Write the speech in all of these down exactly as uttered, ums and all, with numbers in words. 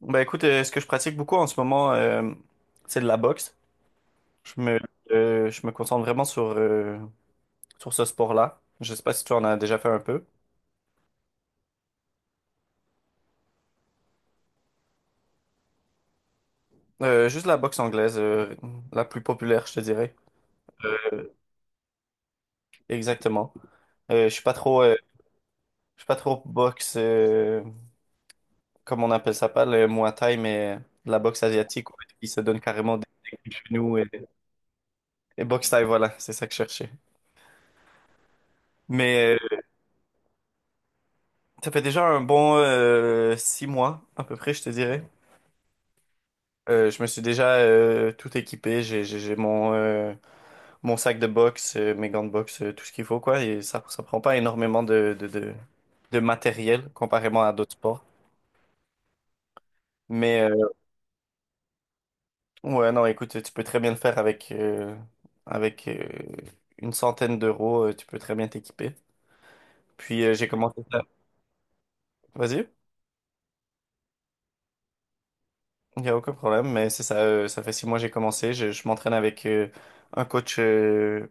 ben écoute, euh, ce que je pratique beaucoup en ce moment, euh, c'est de la boxe. Je me, euh, je me concentre vraiment sur, euh, sur ce sport-là. Je sais pas si tu en as déjà fait un peu. Euh, juste la boxe anglaise, euh, la plus populaire, je te dirais. Euh, Exactement. Euh, je suis pas trop, euh, je suis pas trop boxe, euh, comme on appelle ça, pas le Muay Thai, mais de la boxe asiatique, où ils se donnent carrément des des genoux et, et boxe Thai, voilà, c'est ça que je cherchais. Mais euh, Ça fait déjà un bon euh, six mois, à peu près, je te dirais. Euh, je me suis déjà euh, tout équipé. J'ai j'ai- j'ai mon, euh, mon sac de boxe, euh, mes gants de boxe, euh, tout ce qu'il faut, quoi. Et ça, ça prend pas énormément de, de, de, de matériel comparément à d'autres sports. Mais euh, ouais, non, écoute, tu peux très bien le faire avec, euh, avec euh, une centaine d'euros. euh, Tu peux très bien t'équiper. Puis euh, j'ai commencé ça. Vas-y, il n'y a aucun problème. Mais c'est ça, euh, ça fait six mois que j'ai commencé. Je, je m'entraîne avec euh, un coach. euh,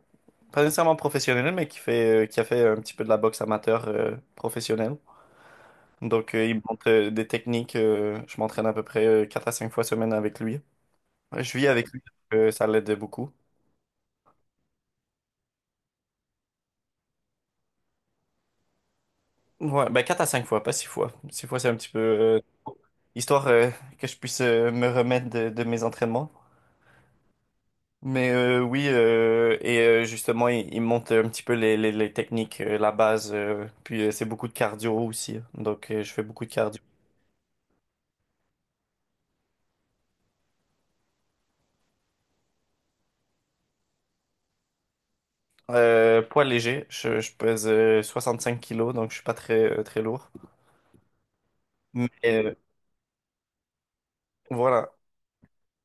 Pas nécessairement professionnel, mais qui fait, euh, qui a fait un petit peu de la boxe amateur euh, professionnelle. Donc, euh, il me montre euh, des techniques. Euh, je m'entraîne à peu près euh, quatre à cinq fois semaine avec lui. Ouais, Je vis avec lui, donc, euh, ça l'aide beaucoup. Ouais, ben quatre à cinq fois, pas six fois. Six fois, c'est un petit peu euh, histoire euh, que je puisse euh, me remettre de, de mes entraînements. Mais euh, oui, euh, et euh, justement, il, il me montre un petit peu les, les, les techniques, euh, la base. Euh, puis, euh, c'est beaucoup de cardio aussi. Donc, euh, je fais beaucoup de cardio. Euh, poids léger, je, je pèse euh, soixante-cinq kilos, donc je suis pas très, euh, très lourd. Mais euh, voilà.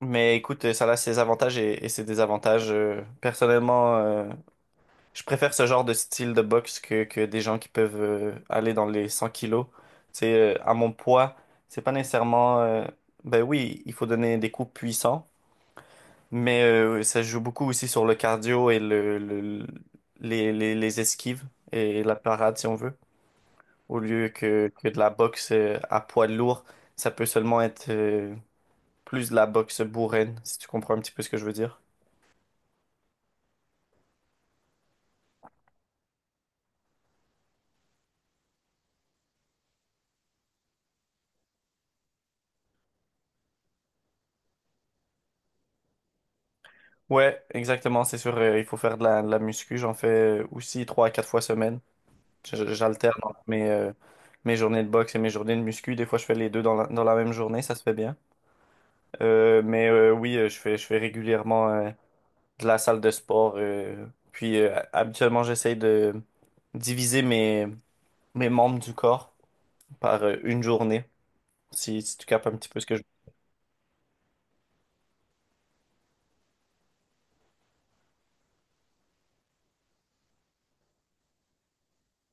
Mais écoute, euh, ça a ses avantages et, et ses désavantages. Euh, personnellement, euh, je préfère ce genre de style de boxe que, que des gens qui peuvent euh, aller dans les cent kilos. C'est euh, À mon poids, c'est pas nécessairement. Euh, ben oui, il faut donner des coups puissants, mais euh, ça joue beaucoup aussi sur le cardio et le, le- les, les, les esquives et la parade si on veut. au lieu que, que de la boxe euh, à poids lourd. Ça peut seulement être euh, plus de la boxe bourraine, si tu comprends un petit peu ce que je veux dire. Ouais, exactement, c'est sûr, euh, il faut faire de la, de la muscu. J'en fais euh, aussi trois à quatre fois semaine. Je- J'alterne entre mes, euh, mes journées de boxe et mes journées de muscu. Des fois, je fais les deux dans la, dans la même journée, ça se fait bien. Euh, mais euh, oui, euh, je fais, je fais régulièrement euh, de la salle de sport. Euh, puis euh, habituellement, j'essaye de diviser mes, mes membres du corps par euh, une journée. Si, si tu capes un petit peu ce que je...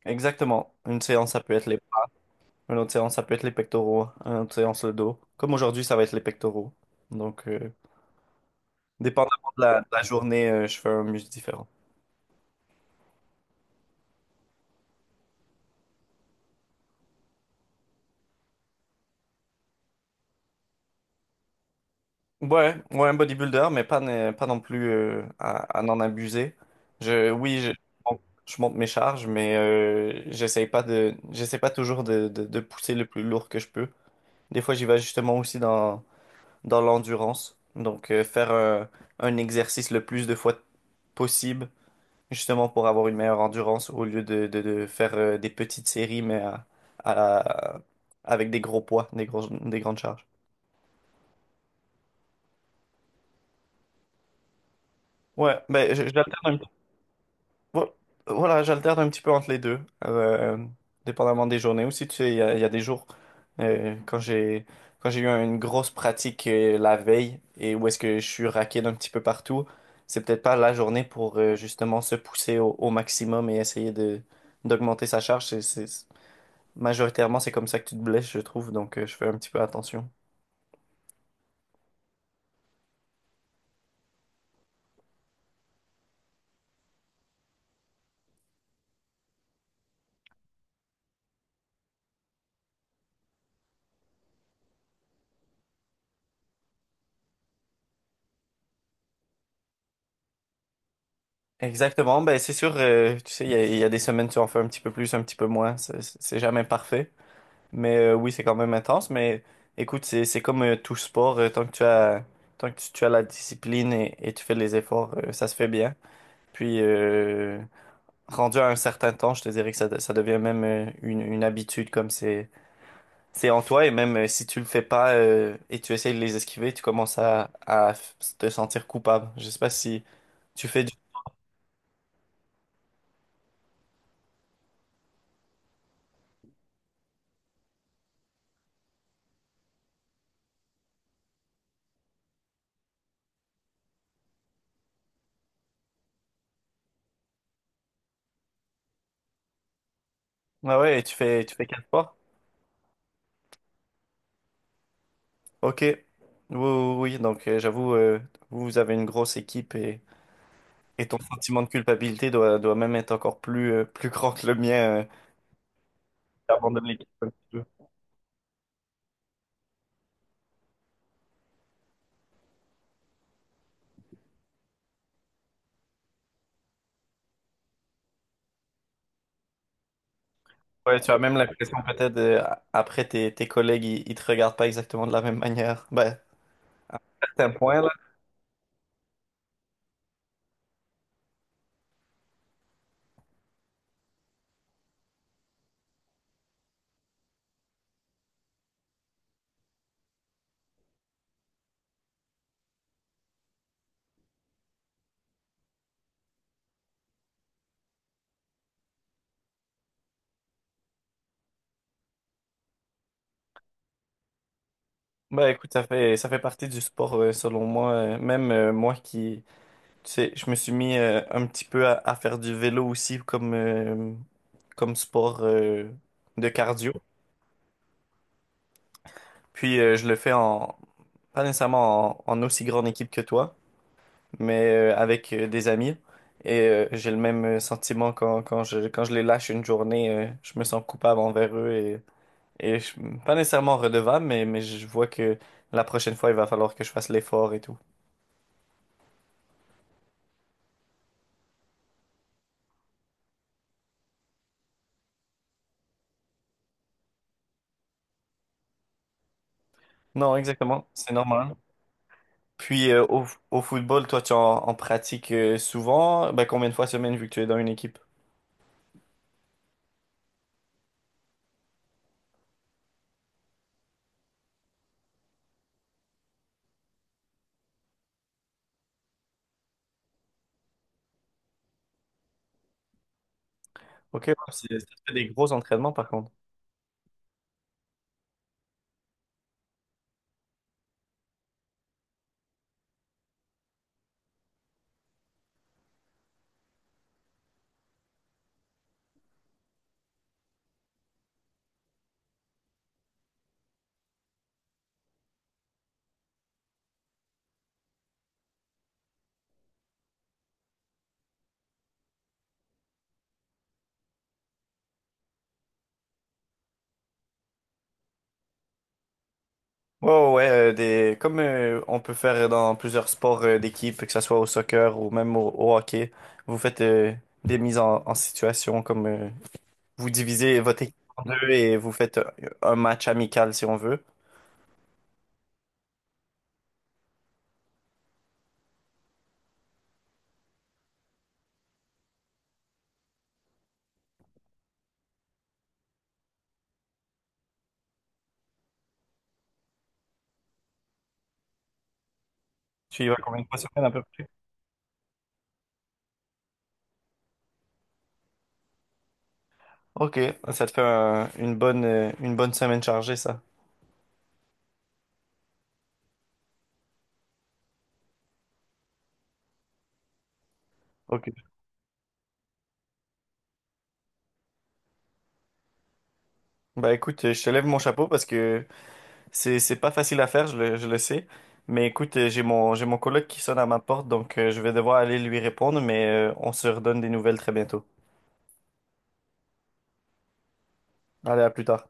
Exactement. Une séance, ça peut être les... Une autre séance, ça peut être les pectoraux. Une autre séance, le dos. Comme aujourd'hui, ça va être les pectoraux. Donc, euh, dépendamment de la, de la journée, euh, je fais un muscle différent. Ouais, ouais, un bodybuilder, mais pas, ne- pas non plus euh, à, à n'en abuser. Je, oui, je, bon, je monte mes charges, mais euh, j'essaye pas de, j'essaie pas toujours de, de, de pousser le plus lourd que je peux. Des fois, j'y vais justement aussi dans, dans l'endurance. Donc, euh, faire un, un exercice le plus de fois possible, justement pour avoir une meilleure endurance, au lieu de, de- de faire euh, des petites séries, mais à- à- avec des gros poids, des grosses- des grandes charges. Ouais, ben, je- j'alterne. Vo- Voilà, j'alterne un petit peu entre les deux, euh, dépendamment des journées. Aussi, tu sais, il y a, il y a des jours euh, quand j'ai quand j'ai eu une grosse pratique euh, la veille et où est-ce que je suis raqué d'un petit peu partout, c'est peut-être pas la journée pour euh, justement se pousser au, au maximum et essayer de d'augmenter sa charge. C'est, c'est- majoritairement, c'est comme ça que tu te blesses, je trouve, donc euh, je fais un petit peu attention. Exactement, ben c'est sûr, euh, tu sais, il y a, il y a des semaines tu en fais un petit peu plus, un petit peu moins, c'est c'est- c'est jamais parfait. Mais euh, oui, c'est quand même intense. Mais écoute, c'est c'est comme euh, tout sport. Euh, tant que tu as, tant que tu, tu as la discipline et, et tu fais les efforts, euh, ça se fait bien. Puis, euh, rendu à un certain temps, je te dirais que ça, de- ça devient même euh, une, une habitude comme c'est c'est en toi. Et même euh, si tu le fais pas euh, et tu essayes de les esquiver, tu commences à, à f- te sentir coupable. Je sais pas si tu fais du... Ah ouais, et tu fais, tu fais quatre sports? Ok. Oui, oui, oui. Donc, euh, j'avoue, euh, vous vous avez une grosse équipe et... Et ton sentiment de culpabilité doit, doit même être encore plus, euh, plus grand que le mien. euh, T'abandonnes l'équipe un petit peu. Ouais, tu as même l'impression peut-être de- après tes, tes collègues, ils, ils te regardent pas exactement de la même manière. Ben, certains points là. Ben écoute, ça fait ça fait partie du sport euh, selon moi. euh, Même euh, moi qui, tu sais, je me suis mis euh, un petit peu à, à faire du vélo aussi comme euh, comme sport euh, de cardio. Puis euh, je le fais en pas nécessairement en en aussi grande équipe que toi. mais euh, avec euh, des amis. Et euh, j'ai le même euh, sentiment quand, quand je, quand je les lâche une journée, euh, je me sens coupable envers eux et, et je, pas nécessairement redevable, mais, mais je vois que la prochaine fois, il va falloir que je fasse l'effort et tout. Non, exactement, c'est normal. Puis euh, au, au football, toi, tu en, en pratiques euh, souvent. Ben, combien de fois semaine vu que tu es dans une équipe? Ok, ouais, c'est- ça fait des gros entraînements par contre. Ouais, ouais, ouais, euh, des... comme euh, on peut faire dans plusieurs sports euh, d'équipe, que ce soit au soccer ou même au, au hockey, vous faites euh, des mises en, en situation, comme euh, vous divisez votre équipe en deux et vous faites euh, un match amical si on veut. Tu y vas combien de fois sur semaine à peu près? Ok, ça te fait un- une bonne, euh, une bonne semaine chargée, ça. Ok. Bah écoute, euh, je te lève mon chapeau parce que C'est, c'est pas facile à faire, je le, je le sais. Mais écoute, euh, j'ai mon, j'ai mon coloc qui sonne à ma porte, donc euh, je vais devoir aller lui répondre, mais euh, on se redonne des nouvelles très bientôt. Allez, à plus tard.